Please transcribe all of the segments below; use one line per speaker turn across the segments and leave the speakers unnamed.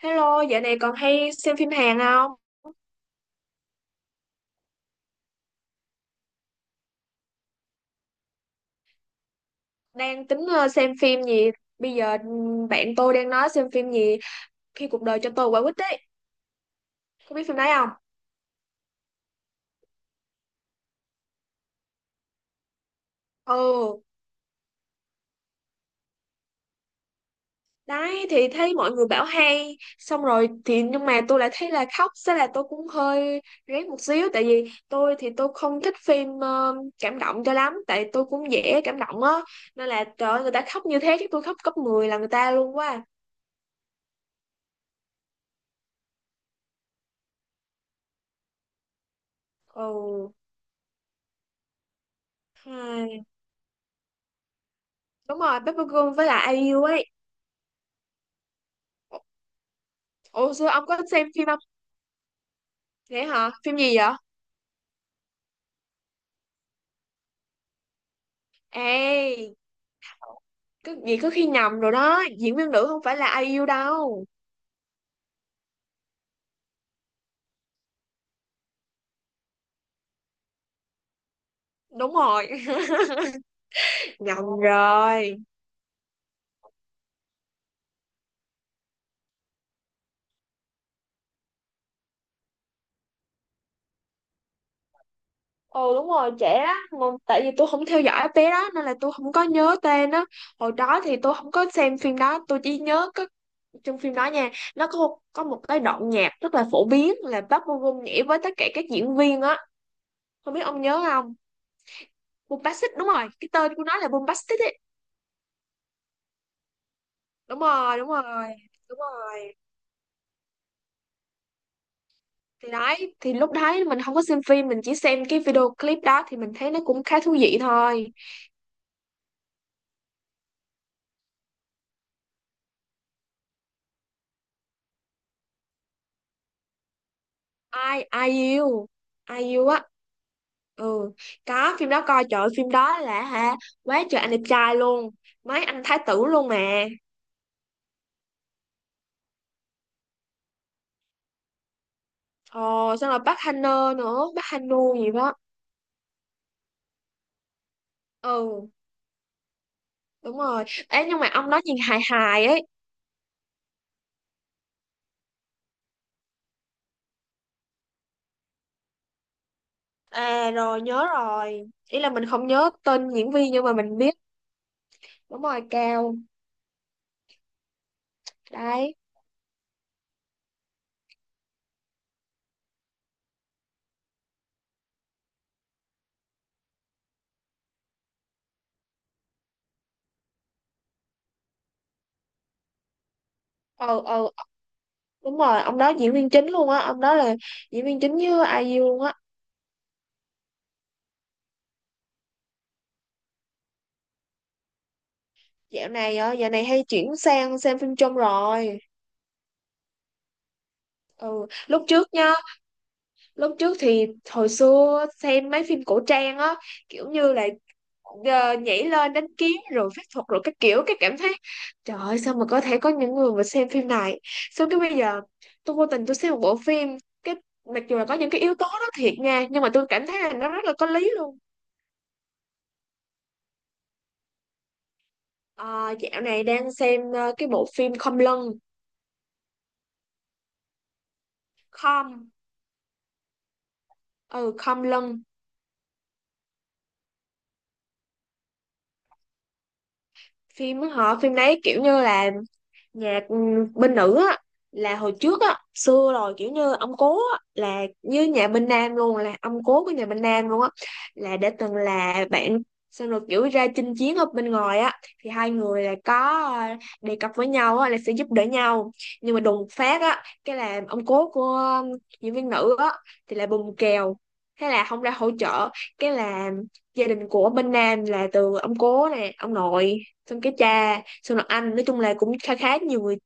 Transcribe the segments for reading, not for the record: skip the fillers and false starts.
Hello, dạo này còn hay xem phim Hàn không? Đang tính xem phim gì? Bây giờ bạn tôi đang nói xem phim gì khi cuộc đời cho tôi quả quýt đấy. Có biết phim đấy không? Ừ, đấy thì thấy mọi người bảo hay, xong rồi thì nhưng mà tôi lại thấy là khóc, thế là tôi cũng hơi rén một xíu tại vì tôi không thích phim cảm động cho lắm tại tôi cũng dễ cảm động á nên là trời ơi, người ta khóc như thế chứ tôi khóc gấp 10 là người ta luôn quá. Ừ. Hai. Đúng rồi, Paper Girl với lại ai IU ấy. Ủa xưa ông có xem phim không? Thế hả? Phim gì vậy? Ê, cứ gì cứ khi nhầm rồi đó, diễn viên nữ không phải là IU đâu. Đúng rồi, nhầm rồi. Ồ đúng rồi, trẻ á, mà tại vì tôi không theo dõi bé đó nên là tôi không có nhớ tên đó. Hồi đó thì tôi không có xem phim đó, tôi chỉ nhớ có trong phim đó nha, nó có một cái đoạn nhạc rất là phổ biến là Park Bo Gum nhảy với tất cả các diễn viên á. Không biết ông nhớ không? Bombastic đúng rồi, cái tên của nó là Bombastic ấy. Đúng rồi, đúng rồi. Thì đấy thì lúc đấy mình không có xem phim, mình chỉ xem cái video clip đó thì mình thấy nó cũng khá thú vị thôi. Ai ai yêu, ai yêu á, ừ, có phim đó coi, trời ơi, phim đó là hả, quá trời anh đẹp trai luôn, mấy anh thái tử luôn mà. Ồ xong rồi bác Hanơ nữa, bác Hanu gì đó. Ừ, đúng rồi. Ấy nhưng mà ông đó nhìn hài hài ấy. À rồi nhớ rồi, ý là mình không nhớ tên diễn viên nhưng mà mình biết. Đúng rồi, cao đấy. Ờ ờ, đúng rồi, ông đó diễn viên chính luôn á, ông đó là diễn viên chính với IU luôn á. Dạo này dạo này hay chuyển sang xem phim trung rồi. Ừ, lúc trước nhá, lúc trước thì hồi xưa xem mấy phim cổ trang á, kiểu như là nhảy lên đánh kiếm rồi phép thuật rồi các kiểu, cái cảm thấy trời ơi sao mà có thể có những người mà xem phim này. Xong cái bây giờ tôi vô tình tôi xem một bộ phim, cái mặc dù là có những cái yếu tố đó thiệt nha nhưng mà tôi cảm thấy là nó rất là có lý luôn. Ờ, dạo này đang xem cái bộ phim Khom Lưng. Khom, ừ, Khom Lưng. Phim phim đấy kiểu như là nhạc, bên nữ á, là hồi trước á, xưa rồi kiểu như ông cố á, là như nhà bên nam luôn, là ông cố của nhà bên nam luôn á, là đã từng là bạn, xong rồi kiểu ra chinh chiến ở bên ngoài á, thì hai người là có đề cập với nhau á là sẽ giúp đỡ nhau. Nhưng mà đùng phát á cái là ông cố của diễn viên nữ á thì là bùng kèo, thế là không ra hỗ trợ. Cái là gia đình của bên nam là từ ông cố nè ông nội xong cái cha xong rồi anh, nói chung là cũng khá khá nhiều người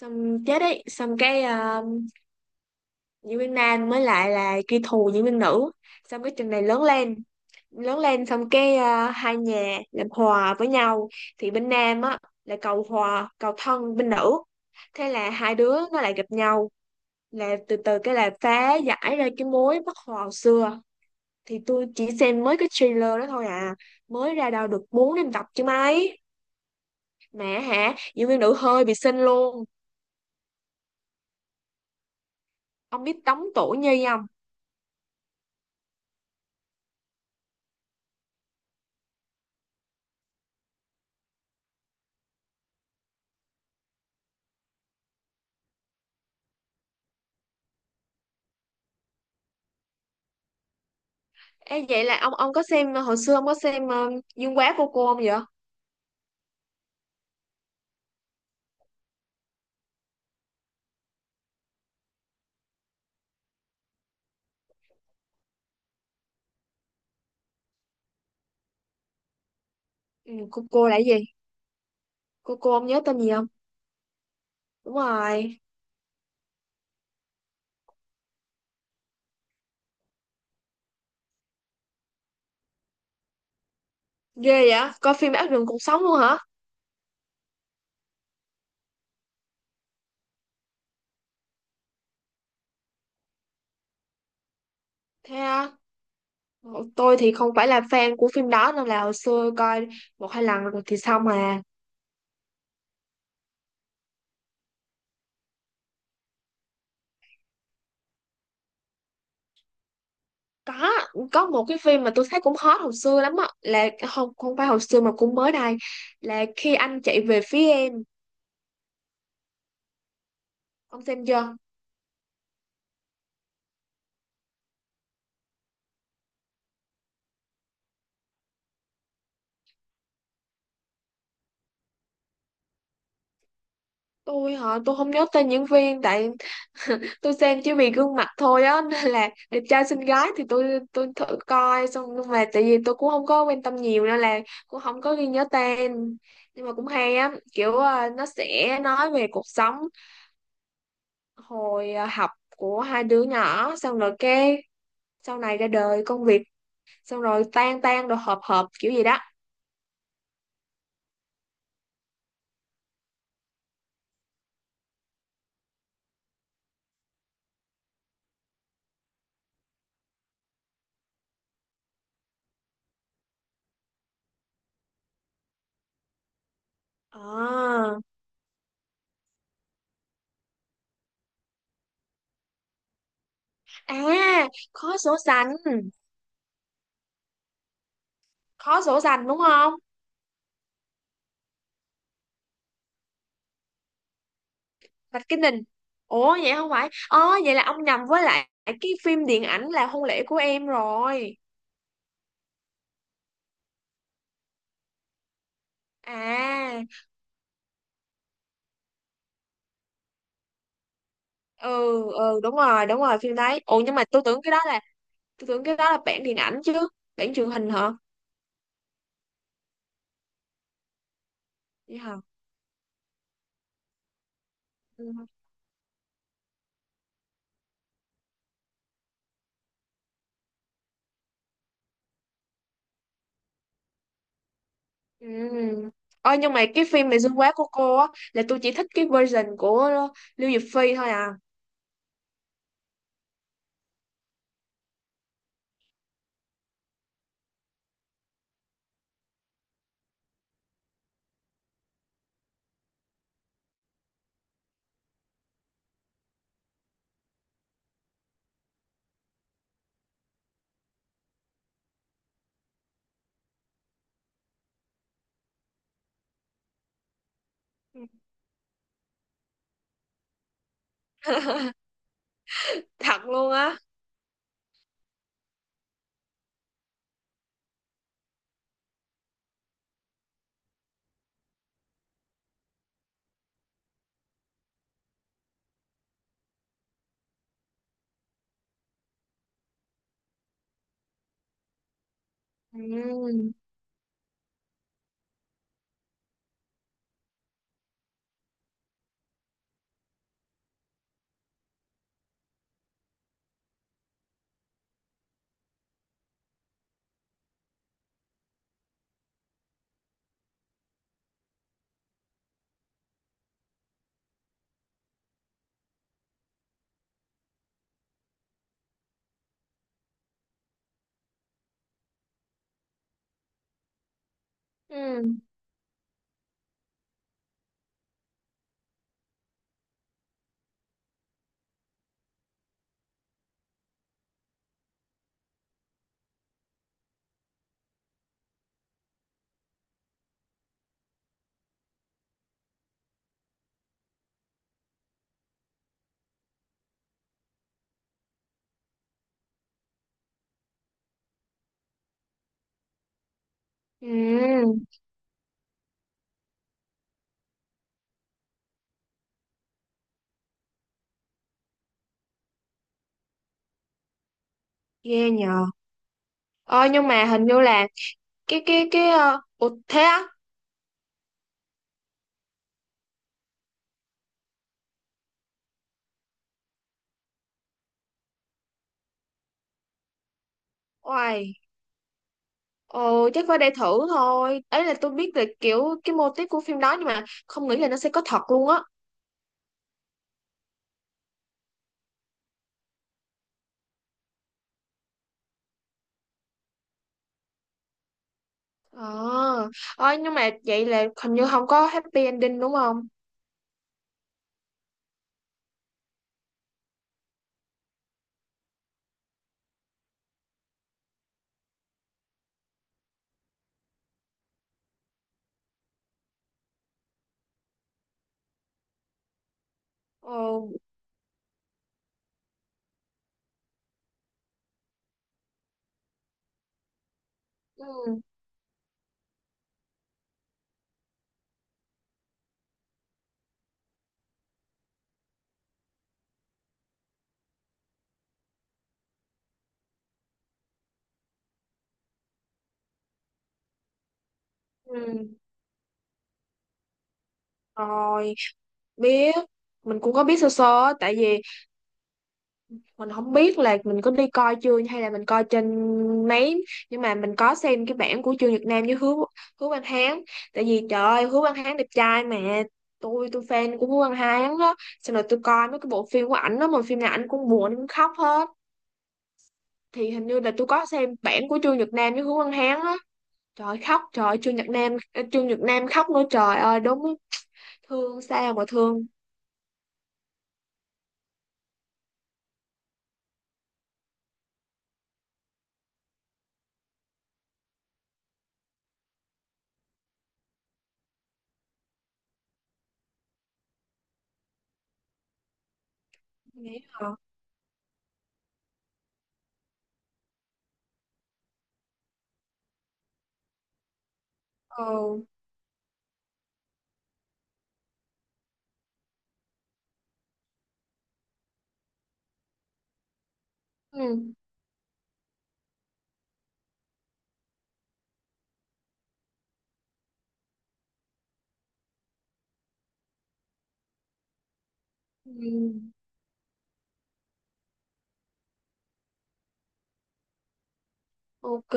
xong chết ấy, xong cái diễn viên nam mới lại là kẻ thù diễn viên nữ. Xong cái chừng này lớn lên, xong cái hai nhà làm hòa với nhau, thì bên nam á là cầu hòa cầu thân bên nữ, thế là hai đứa nó lại gặp nhau, là từ từ cái là phá giải ra cái mối bất hòa xưa. Thì tôi chỉ xem mới cái trailer đó thôi à, mới ra đâu được 4 năm tập chứ mấy. Mẹ hả, diễn viên nữ hơi bị xinh luôn. Ông biết Tống Tổ Nhi không? Ê, vậy là ông có xem hồi xưa ông có xem Dương Quá cô không vậy? Ừ, cô là cái gì? Cô ông nhớ tên gì không? Đúng rồi. Ghê vậy coi phim Ác Đường Cuộc Sống luôn hả? Thế à? Tôi thì không phải là fan của phim đó nên là hồi xưa coi một hai lần rồi thì xong à. có có một cái phim mà tôi thấy cũng hot hồi xưa lắm á là không, không phải hồi xưa mà cũng mới đây, là khi anh chạy về phía em. Ông xem chưa? Tôi hả, tôi không nhớ tên diễn viên tại tôi xem chỉ vì gương mặt thôi á nên là đẹp trai xinh gái thì tôi thử coi xong, nhưng mà tại vì tôi cũng không có quan tâm nhiều nên là cũng không có ghi nhớ tên. Nhưng mà cũng hay á, kiểu nó sẽ nói về cuộc sống hồi học của hai đứa nhỏ, xong rồi cái sau này ra đời công việc, xong rồi tan tan rồi hợp hợp kiểu gì đó. À, à khó sổ sành, khó sổ sành đúng không? Bạch Kinh đình, ủa vậy không phải ờ, vậy là ông nhầm với lại cái phim điện ảnh là hôn lễ của em rồi. À, ừ, ừ đúng rồi, phim đấy, ủa nhưng mà tôi tưởng cái đó là, tôi tưởng cái đó là bản điện ảnh chứ, bản truyền hình hả? Vậy hả? Ừ. Ừ. Ờ, nhưng mà cái phim mà Dương Quá của cô á là tôi chỉ thích cái version của Lưu Diệc Phi thôi à. Ừ. Thật luôn á. Ừ. Ừ. Ừ. Ghê nhờ. Ờ nhưng mà hình như là cái ủa thế á. Oài, ồ chắc phải để thử thôi. Ấy là tôi biết là kiểu cái mô típ của phim đó nhưng mà không nghĩ là nó sẽ có thật luôn á. Ờ, à, nhưng mà vậy là hình như không có happy ending đúng không? Ồ, ừ, ừ. Rồi, biết. Mình cũng có biết sơ sơ á, tại vì mình không biết là mình có đi coi chưa hay là mình coi trên mấy, nhưng mà mình có xem cái bản của Trương Nhật Nam với Hứa Hứa Văn Hán, tại vì trời ơi Hứa Văn Hán đẹp trai mà. Tôi fan của Hứa Văn Hán á, xong rồi tôi coi mấy cái bộ phim của ảnh đó mà phim nào ảnh cũng buồn, ảnh cũng khóc hết. Thì hình như là tôi có xem bản của Trương Nhật Nam với Hứa Văn Hán á, trời ơi, khóc, trời ơi, Trương Nhật Nam, Trương Nhật Nam khóc nữa, trời ơi đúng, thương sao mà thương. Nghĩ hả? Ừ. Ừ. Ừ. Ok.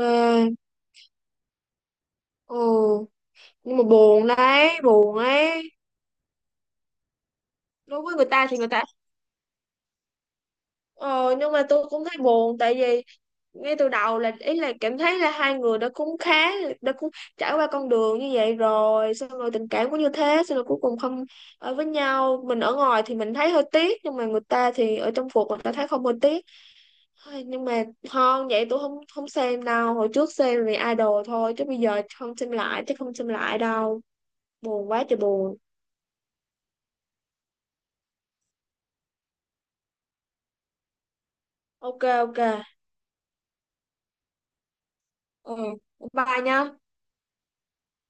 Ừ. Nhưng mà buồn đấy, buồn ấy. Đối với người ta thì người ta, ờ nhưng mà tôi cũng thấy buồn tại vì ngay từ đầu là ý là cảm thấy là hai người đã cũng khá, đã cũng trải qua con đường như vậy rồi, xong rồi tình cảm cũng như thế, xong rồi cuối cùng không ở với nhau, mình ở ngoài thì mình thấy hơi tiếc nhưng mà người ta thì ở trong cuộc người ta thấy không hơi tiếc. Ai, nhưng mà không, vậy tôi không, không xem đâu, hồi trước xem vì idol thôi chứ bây giờ không xem lại, chứ không xem lại đâu, buồn quá trời buồn. Ok. Ok. Ừ, bye nha.